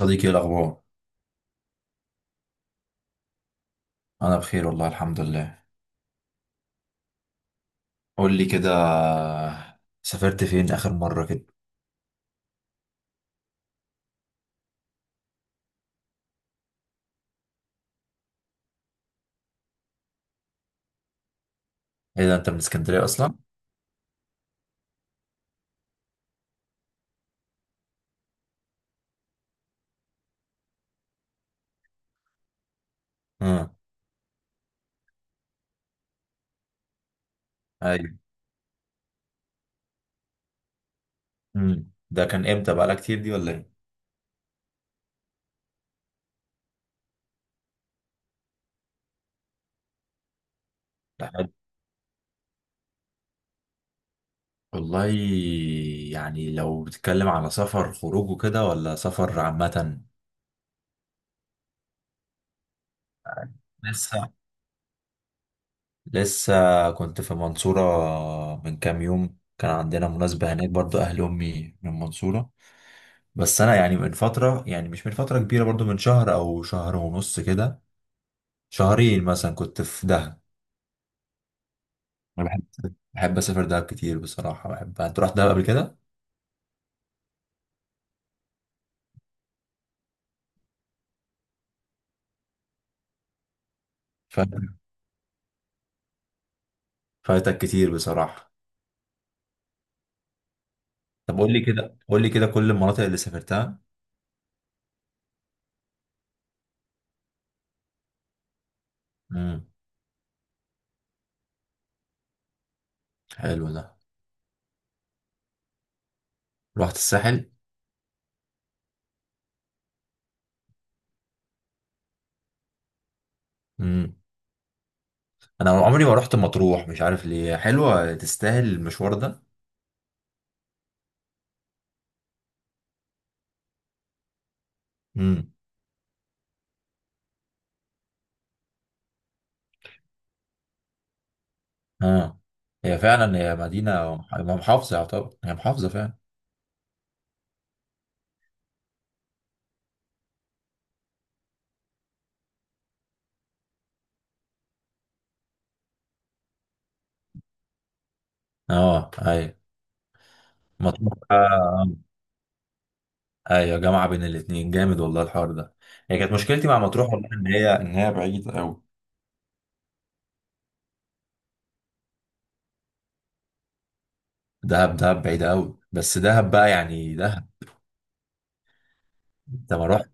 صديقي، إيه الأخبار؟ أنا بخير والله الحمد لله. قول لي كده، سافرت فين آخر مرة كده؟ إيه ده، أنت من اسكندرية أصلا؟ أه. أيوة. ده كان إمتى، بقالها كتير دي ولا إيه؟ ده حلو. والله يعني لو بتتكلم على سفر خروج وكده ولا سفر عامة؟ لسه لسه، كنت في المنصورة. من كام يوم كان عندنا مناسبة هناك برضو، أهل أمي من المنصورة. بس أنا يعني من فترة، يعني مش من فترة كبيرة برضو، من شهر أو شهر ونص كده. شهرين مثلا كنت في دهب. انا بحب اسافر دهب كتير بصراحه. بحب، انت رحت دهب قبل كده؟ فاتك، فاتك كتير بصراحه. طب قول لي كده، قول لي كده، كل المناطق اللي سافرتها. امم. حلو ده. رحت الساحل. امم. انا عمري ما رحت مطروح، مش عارف ليه. حلوه، تستاهل المشوار ده؟ امم. اه. هي فعلا، هي مدينه محافظه، يعتبر هي محافظه فعلا. اه، ايوه. مطروح. ايوه، جامعه بين الاتنين، جامد والله الحوار ده. هي كانت مشكلتي مع مطروح والله، ان هي بعيده قوي. دهب، دهب بعيده قوي، بس دهب بقى يعني دهب. انت ما رحت؟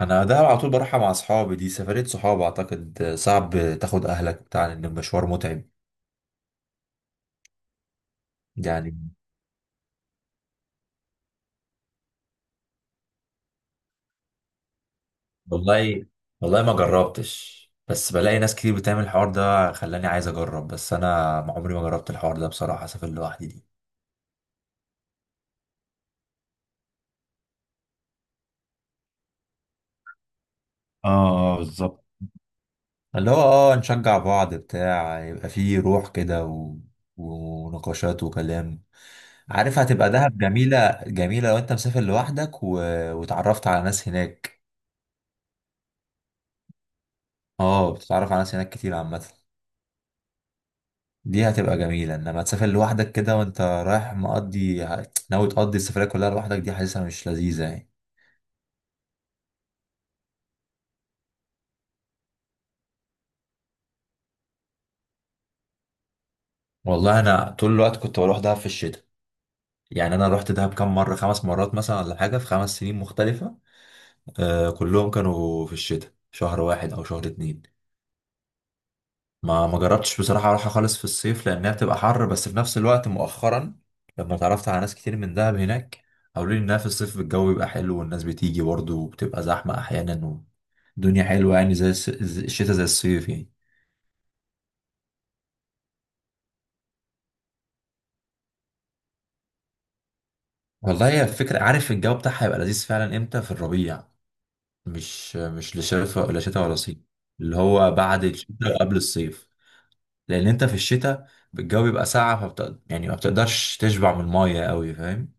انا دهب على طول بروحها مع اصحابي، دي سفريه صحاب، اعتقد صعب تاخد اهلك بتاع، ان المشوار متعب. يعني والله، والله ما جربتش، بس بلاقي ناس كتير بتعمل الحوار ده خلاني عايز اجرب، بس انا عمري ما جربت الحوار ده بصراحه، اسافر لوحدي دي. اه، بالظبط. اللي هو نشجع بعض بتاع، يبقى فيه روح كده ونقاشات وكلام. عارف هتبقى دهب جميلة جميلة لو انت مسافر لوحدك وتعرفت على ناس هناك. اه، بتتعرف على ناس هناك كتير عامة. دي هتبقى جميلة، انما تسافر لوحدك كده وانت رايح مقضي، ناوي تقضي السفرية كلها لوحدك، دي حاسسها مش لذيذة يعني. والله انا طول الوقت كنت بروح دهب في الشتاء. يعني انا رحت دهب كام مرة، 5 مرات مثلا ولا حاجة، في 5 سنين مختلفة. كلهم كانوا في الشتاء، شهر واحد او شهر اتنين. ما جربتش بصراحة اروحها خالص في الصيف لانها بتبقى حر، بس في نفس الوقت مؤخرا لما اتعرفت على ناس كتير من دهب هناك، قالوا لي انها في الصيف الجو بيبقى حلو والناس بتيجي برضه وبتبقى زحمة احيانا، والدنيا حلوة يعني الشتاء زي الصيف يعني. والله هي الفكرة، عارف الجو بتاعها هيبقى لذيذ فعلا امتى؟ في الربيع. مش لا شتاء ولا صيف، اللي هو بعد الشتاء وقبل الصيف. لان انت في الشتاء الجو بيبقى ساقع، يعني ما بتقدرش تشبع من المايه قوي فاهم.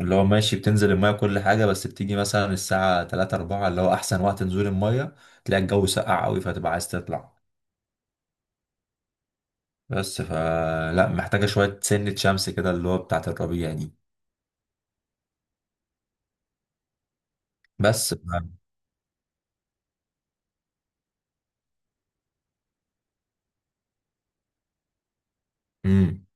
اللي هو ماشي بتنزل المايه كل حاجه، بس بتيجي مثلا الساعه 3 4 اللي هو احسن وقت نزول المايه، تلاقي الجو ساقع قوي فتبقى عايز تطلع. بس فلا، محتاجه شويه سنه شمس كده اللي هو بتاعه الربيع دي. بس. امم.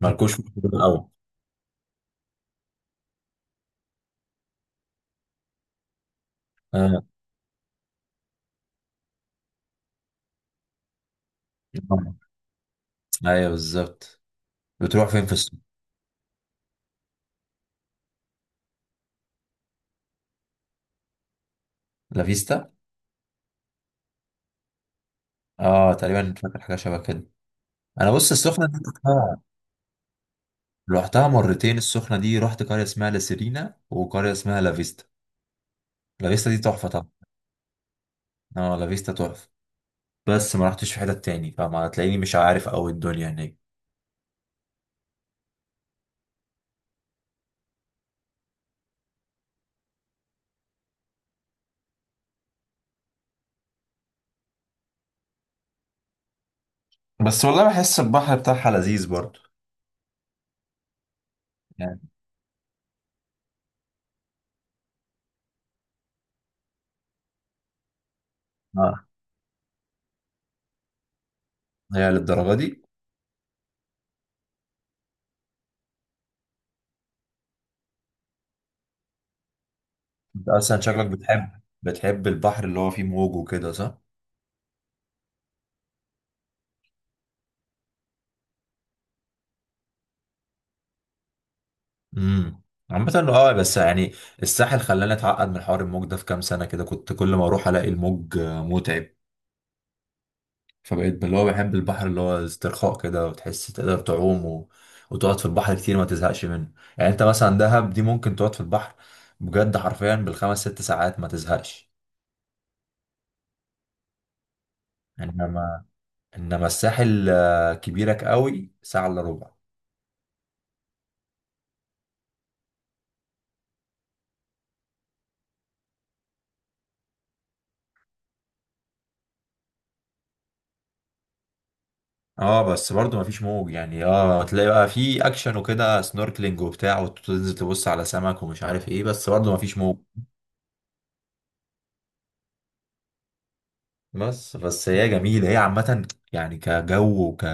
مالكوش في الجو الاول؟ آه. آه. ايوه بالظبط. بتروح فين في السوق؟ لافيستا. اه تقريبا، فاكر حاجه شبه كده. انا بص، السخنه دي رحتها مرتين، السخنة دي رحت قرية اسمها لاسيرينا وقرية اسمها لافيستا. لافيستا دي تحفة طبعا. اه، لافيستا تحفة، بس ما رحتش في حتة تاني فما هتلاقيني مش عارف أوي الدنيا هناك. بس والله بحس البحر بتاعها لذيذ برضه. يعني، اه هي للدرجة دي؟ انت أصلا شكلك بتحب البحر اللي هو فيه موج وكده صح؟ امم. عامة اه، بس يعني الساحل خلاني اتعقد من حوار الموج ده في كام سنة كده، كنت كل ما اروح الاقي الموج متعب. فبقيت اللي هو بحب البحر اللي هو استرخاء كده، وتحس تقدر تعوم وتقعد في البحر كتير ما تزهقش منه. يعني انت مثلا دهب دي ممكن تقعد في البحر بجد، حرفيا بالخمس ست ساعات ما تزهقش. انما، الساحل كبيرك قوي ساعة الا ربع. اه بس برضو ما فيش موج، يعني اه تلاقي بقى في اكشن وكده سنوركلينج وبتاع، وتنزل تبص على سمك ومش عارف ايه، بس برضو ما فيش موج. بس هي جميلة هي عامة، يعني كجو، وك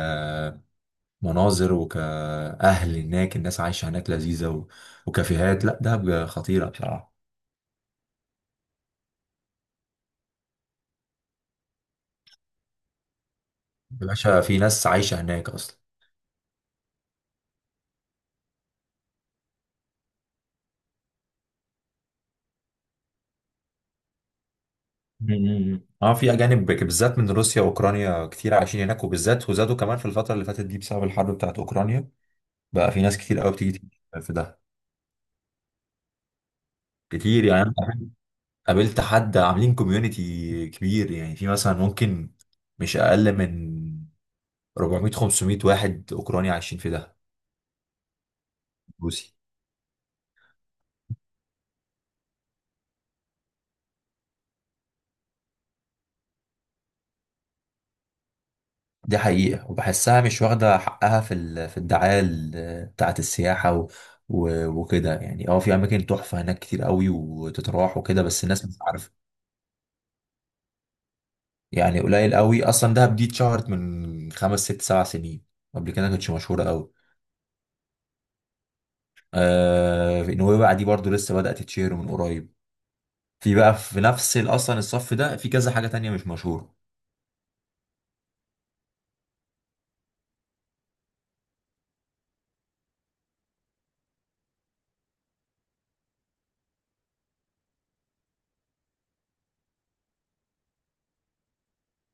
مناظر وكأهل هناك، الناس عايشة هناك لذيذة، و... وكافيهات، لا دهب خطيرة بصراحة. يا باشا في ناس عايشة هناك أصلا. مم. اه في أجانب بالذات من روسيا وأوكرانيا كتير عايشين هناك، وبالذات وزادوا كمان في الفترة اللي فاتت دي بسبب الحرب بتاعت أوكرانيا. بقى في ناس كتير قوي بتيجي في دهب. كتير يعني، أنا قابلت حد عاملين كوميونيتي كبير، يعني في مثلا ممكن، مش أقل من 400 500 واحد أوكراني عايشين في دهب، روسي. دي حقيقة، وبحسها مش واخدة حقها في الدعاية بتاعة السياحة وكده يعني، اه في أماكن تحفة هناك كتير قوي وتتراح وكده بس الناس مش عارفة. يعني قليل قوي أصلا، دهب دي اتشهرت من 5 6 7 سنين، قبل كده ما كانتش مشهورة قوي. في نويبع دي برضو لسه بدأت تتشهر من قريب. في بقى في نفس أصلا الصف ده في كذا حاجة تانية مش مشهورة.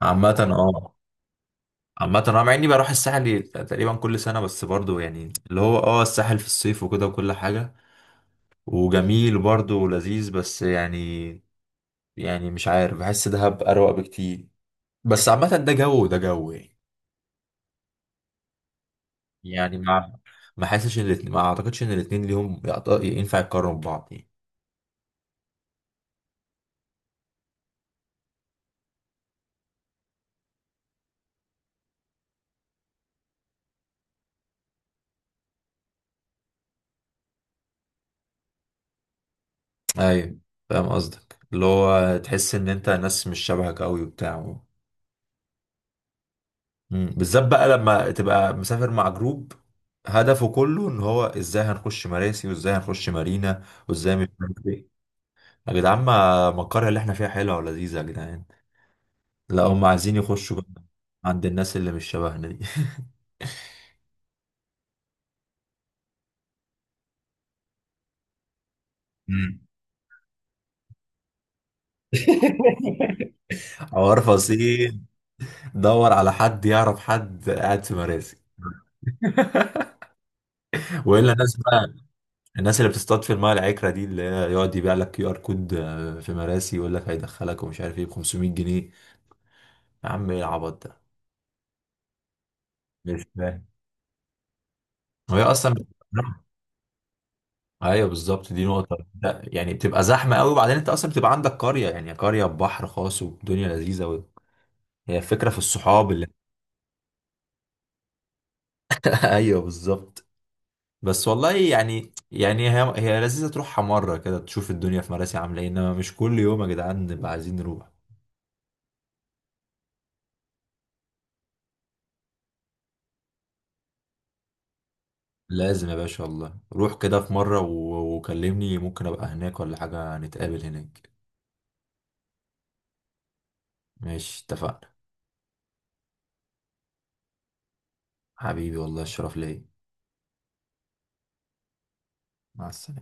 عامة اه، عامة انا مع اني بروح الساحل تقريبا كل سنة، بس برضو يعني اللي هو اه الساحل في الصيف وكده وكل حاجة، وجميل برضه ولذيذ بس يعني، يعني مش عارف بحس دهب أروق بكتير، بس عامة ده جو وده جو يعني. يعني ما حاسش ان الاتنين، ما اعتقدش ان الاتنين ليهم ينفع يتقارنوا ببعض يعني. ايوه فاهم قصدك، اللي هو تحس ان انت ناس مش شبهك قوي وبتاع. مم. بالذات بقى لما تبقى مسافر مع جروب، هدفه كله ان هو ازاي هنخش مراسي وازاي هنخش مارينا، وازاي مش عارف ايه، يا جدعان ما القرية اللي احنا فيها حلوة ولذيذة يا جدعان، لا هم عايزين يخشوا بقى عند الناس اللي مش شبهنا دي. مم. حوار فصيل، دور على حد يعرف حد قاعد في مراسي. والا الناس بقى، الناس اللي بتصطاد في المايه العكره دي اللي هي يقعد يبيع لك QR كود في مراسي، يقول لك هيدخلك ومش عارف ايه ب 500 جنيه. يا عم ايه العبط ده؟ مش فاهم. وهي اصلا بت-. ايوه بالظبط، دي نقطه. لا يعني بتبقى زحمه قوي، وبعدين انت اصلا بتبقى عندك قريه، يعني قريه ببحر خاص والدنيا لذيذه قوي. هي الفكره في الصحاب اللي. ايوه بالظبط. بس والله يعني، هي لذيذة تروحها مرة كده تشوف الدنيا في مراسي عاملة ايه، انما مش كل يوم يا جدعان نبقى عايزين نروح. لازم يا باشا والله، روح كده في مرة وكلمني، ممكن ابقى هناك ولا حاجة نتقابل هناك. ماشي اتفقنا. حبيبي والله الشرف ليا. مع السلامة.